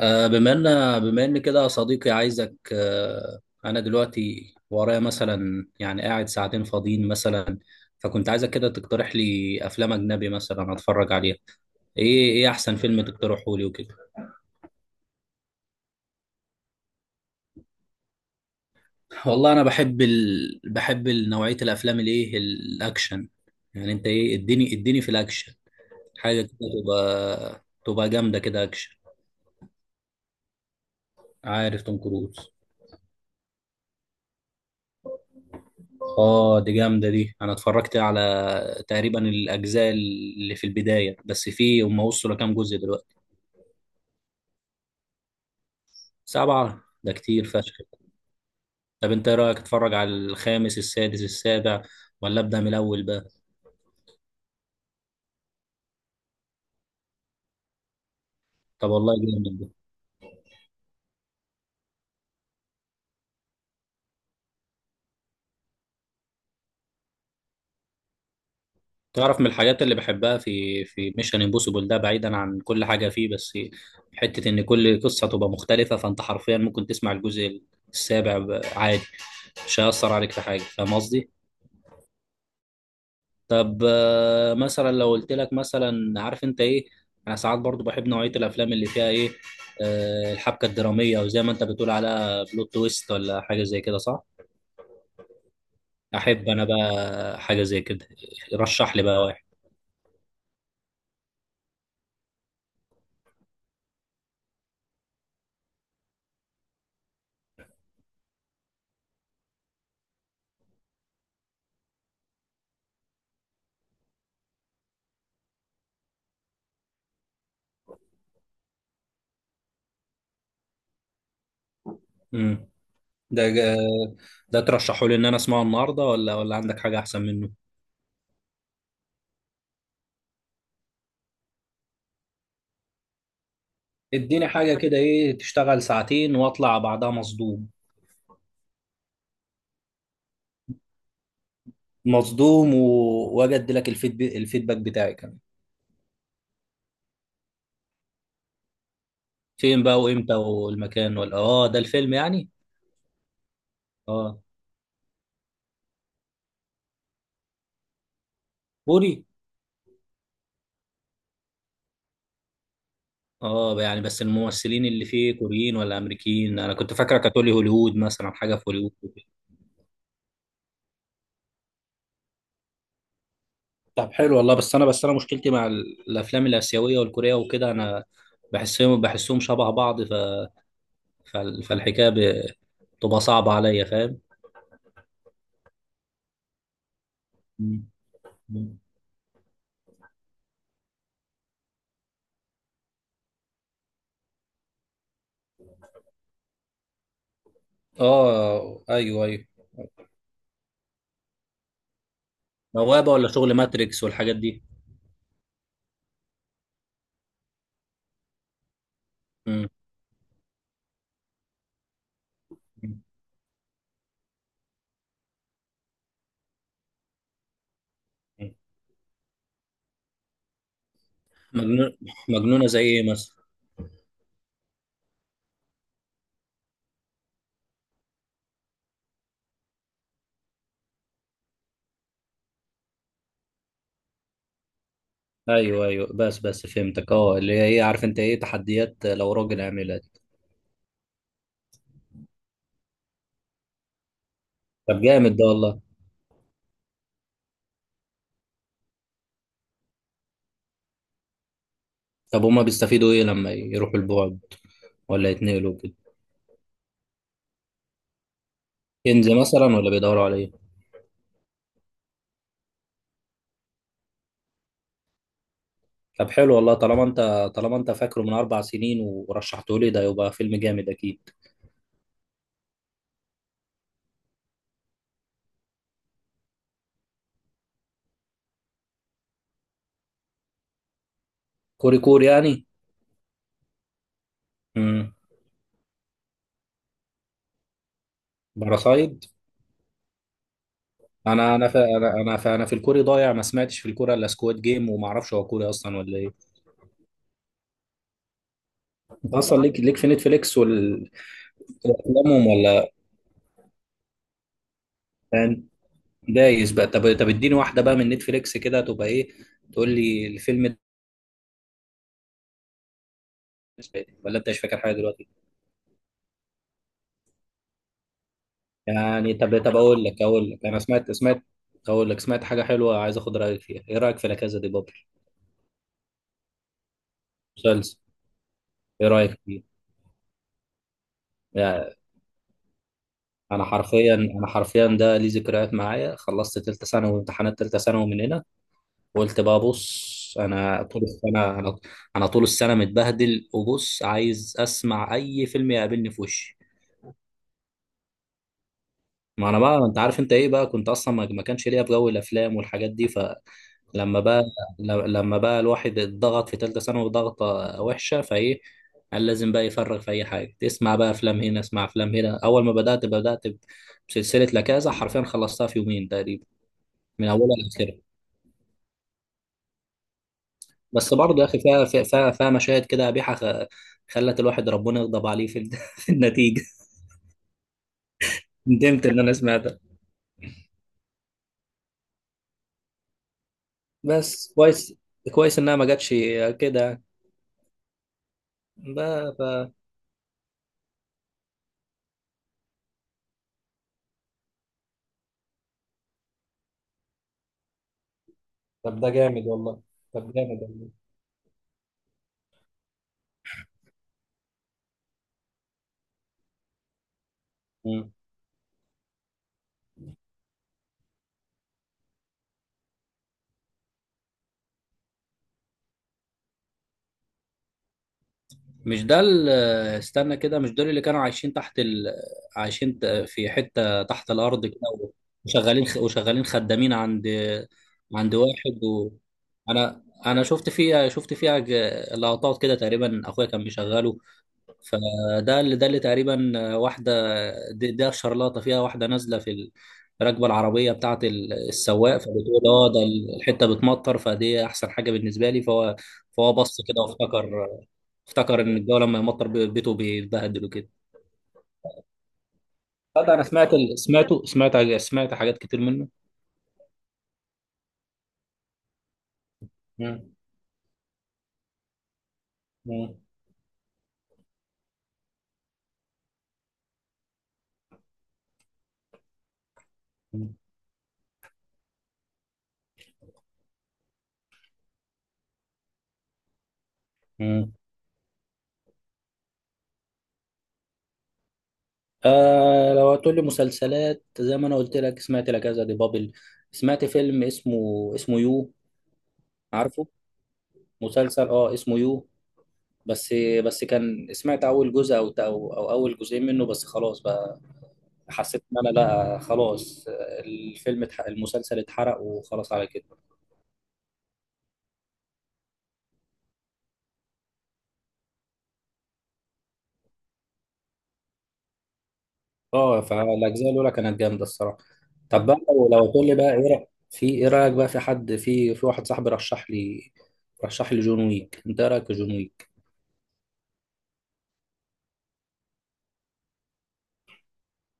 آه، بما ان بما ان كده يا صديقي، عايزك. انا دلوقتي ورايا مثلا، يعني قاعد ساعتين فاضيين مثلا. فكنت عايزك كده تقترح لي افلام اجنبي مثلا اتفرج عليها. ايه احسن فيلم تقترحه لي وكده؟ والله انا بحب نوعية الافلام الايه، الاكشن. يعني انت ايه، اديني في الاكشن حاجة كده. تبقى جامدة كده اكشن. عارف توم كروز؟ اه دي جامده دي، انا اتفرجت على تقريبا الاجزاء اللي في البدايه بس، في هم وصلوا لكام جزء دلوقتي؟ سبعه ده كتير فشخ. طب انت ايه رايك، اتفرج على الخامس السادس السابع، ولا ابدا من الاول بقى؟ طب والله جامد ده. تعرف من الحاجات اللي بحبها في ميشن امبوسيبل ده، بعيدا عن كل حاجه فيه، بس حته ان كل قصه تبقى مختلفه. فانت حرفيا ممكن تسمع الجزء السابع عادي. مش هيأثر عليك في حاجه، فاهم قصدي؟ طب، مثلا لو قلت لك مثلا، عارف انت ايه، انا ساعات برضو بحب نوعية الافلام اللي فيها ايه، الحبكة الدرامية، او زي ما انت بتقول على بلوت تويست، ولا حاجة زي كده، صح؟ احب انا بقى حاجة زي كده. رشح لي بقى واحد. امم ده جا- ده ترشحه لي ان انا اسمعه النهارده، ولا عندك حاجة احسن منه؟ اديني حاجة كده، ايه تشتغل ساعتين واطلع بعدها مصدوم. مصدوم و... واجد لك الفيدباك بتاعي كمان. فين بقى وامتى والمكان ولا اه، ده الفيلم يعني؟ اه كوري؟ اه يعني، بس الممثلين اللي فيه كوريين ولا امريكيين؟ انا كنت فاكره كاتولي هوليوود مثلا، حاجه في هوليوود. طب حلو والله، بس انا مشكلتي مع الافلام الاسيويه والكوريه وكده. انا بحسهم شبه بعض. فالحكايه بتبقى صعبه عليا، فاهم؟ مم. مم. اه ايوه ايوه. بوابه ولا شغل ماتريكس والحاجات دي؟ مم. مم. مجنون. مجنونه زي ايه مثلا؟ ايوه ايوه، بس فهمتك. اه، اللي هي ايه، عارف انت ايه، تحديات لو راجل عاملها. طب جامد ده والله. طب هما بيستفيدوا ايه لما يروحوا البعد، ولا يتنقلوا كده؟ كنز مثلا ولا بيدوروا على ايه؟ طب حلو والله، طالما انت فاكره من 4 سنين ورشحته لي، ده يبقى فيلم جامد اكيد. كوري كوري يعني؟ امم. باراسايد؟ انا في الكوري ضايع، ما سمعتش في الكوري الا سكواد جيم، وما اعرفش هو كوري اصلا ولا ايه. انت اصلا ليك في نتفليكس وافلامهم ولا يعني؟ دايس بقى. طب اديني واحده بقى من نتفليكس كده، تبقى ايه، تقول لي الفيلم ده. ولا انت مش فاكر حاجه دلوقتي يعني؟ طب اقول لك انا سمعت سمعت اقول لك سمعت حاجه حلوه، عايز اخد رايك فيها. ايه رايك في لا كازا دي بابل؟ مسلسل؟ ايه رايك فيه؟ يعني انا حرفيا ده ليه ذكريات معايا. خلصت تالتة ثانوي وامتحانات تالتة ثانوي من هنا، وقلت بقى بص، انا طول السنه متبهدل. وبص عايز اسمع اي فيلم يقابلني في وشي. ما انا بقى، انت عارف انت ايه بقى، كنت اصلا ما كانش ليا في جو الافلام والحاجات دي. لما بقى لما بقى الواحد اتضغط في ثالثه ثانوي، ضغطه وحشه فايه، قال لازم بقى يفرغ في اي حاجه. اسمع بقى افلام هنا، اسمع افلام هنا. اول ما بدات بسلسله لكازا، حرفيا خلصتها في يومين تقريبا، من اولها لاخرها. بس برضه يا اخي فيها مشاهد كده قبيحه، خلت الواحد ربنا يغضب عليه في في النتيجه. ندمت ان انا سمعتها. بس كويس، كويس انها ما جاتش كده بقى. طب ده جامد والله. طب جامد والله. مش ده استنى كده، مش دول اللي كانوا عايشين في حتة تحت الأرض كده، وشغالين خدامين عند واحد أنا شفت فيها لقطات كده تقريبا، أخويا كان بيشغله. فده اللي تقريبا واحده، ده شرلاطه فيها واحده نازله في الركبه العربيه بتاعت السواق، فبتقول اه ده الحته بتمطر، فدي احسن حاجه بالنسبه لي. فهو بص كده وافتكر ان الجو لما يمطر بيته بيتبهدل وكده. لا، ده انا سمعت ال... سمعته سمعت سمعت حاجات كتير منه. مم. مم. مم. مم. آه لو هتقول لي مسلسلات، زي ما انا قلت لك سمعت لا كذا دي بابل، سمعت فيلم اسمه يو، عارفه؟ مسلسل، اه، اسمه يو. بس كان سمعت اول جزء او اول جزئين منه، بس خلاص بقى، حسيت ان انا لا خلاص، الفيلم المسلسل اتحرق وخلاص على كده. اه فالاجزاء الاولى كانت جامده الصراحه. طب بقى لو تقول لي بقى في ايه رايك بقى في حد، في واحد صاحبي رشح لي جون ويك، انت ايه رايك في جون ويك؟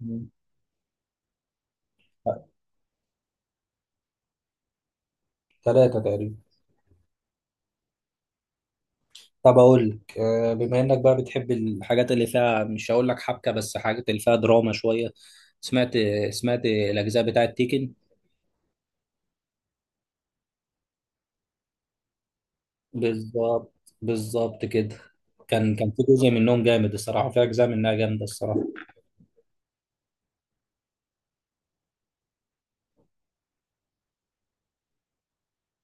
مم. ثلاثة تقريبا. طب اقول لك، بما انك بقى بتحب الحاجات اللي فيها، مش هقول لك حبكه، بس حاجات اللي فيها دراما شويه. سمعت سمعت الاجزاء بتاعه تيكن؟ بالظبط، بالظبط كده. كان في جزء منهم جامد الصراحه، في اجزاء منها جامده الصراحه.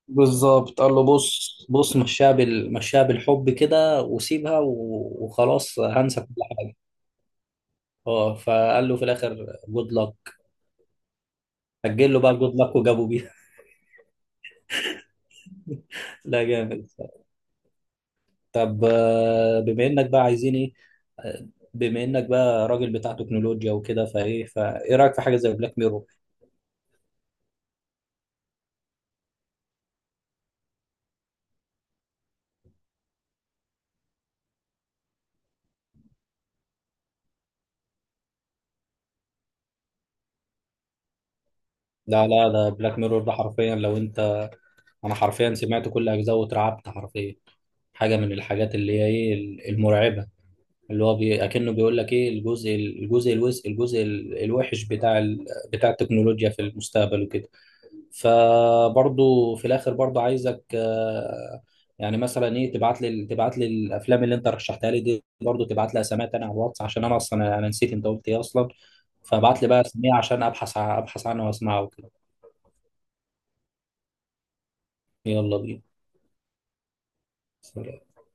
بالظبط قال له بص بص، مشاها بالحب كده وسيبها، وخلاص هنسى كل حاجه. اه فقال له في الاخر جود لك، سجل له بقى جود لك وجابوا بيها. لا جامد. طب، بما انك بقى عايزين ايه، آه، بما انك بقى راجل بتاع تكنولوجيا وكده، فايه رايك في حاجه زي بلاك ميرور؟ لا لا، ده بلاك ميرور ده حرفيا لو انت، انا حرفيا سمعت كل اجزاء واترعبت حرفيا. حاجه من الحاجات اللي هي ايه، المرعبه، اللي هو اكنه بيقول لك ايه، الجزء الوحش بتاع التكنولوجيا في المستقبل وكده. فبرضو في الاخر برضو عايزك، يعني مثلا ايه، تبعت لي الافلام اللي انت رشحتها لي دي، برضو تبعت لي اساميها تاني على الواتس، عشان انا اصلا انا نسيت انت قلت ايه اصلا. فابعت لي بقى اسميها عشان ابحث عنها واسمعها وكده. يلا بينا. سلام.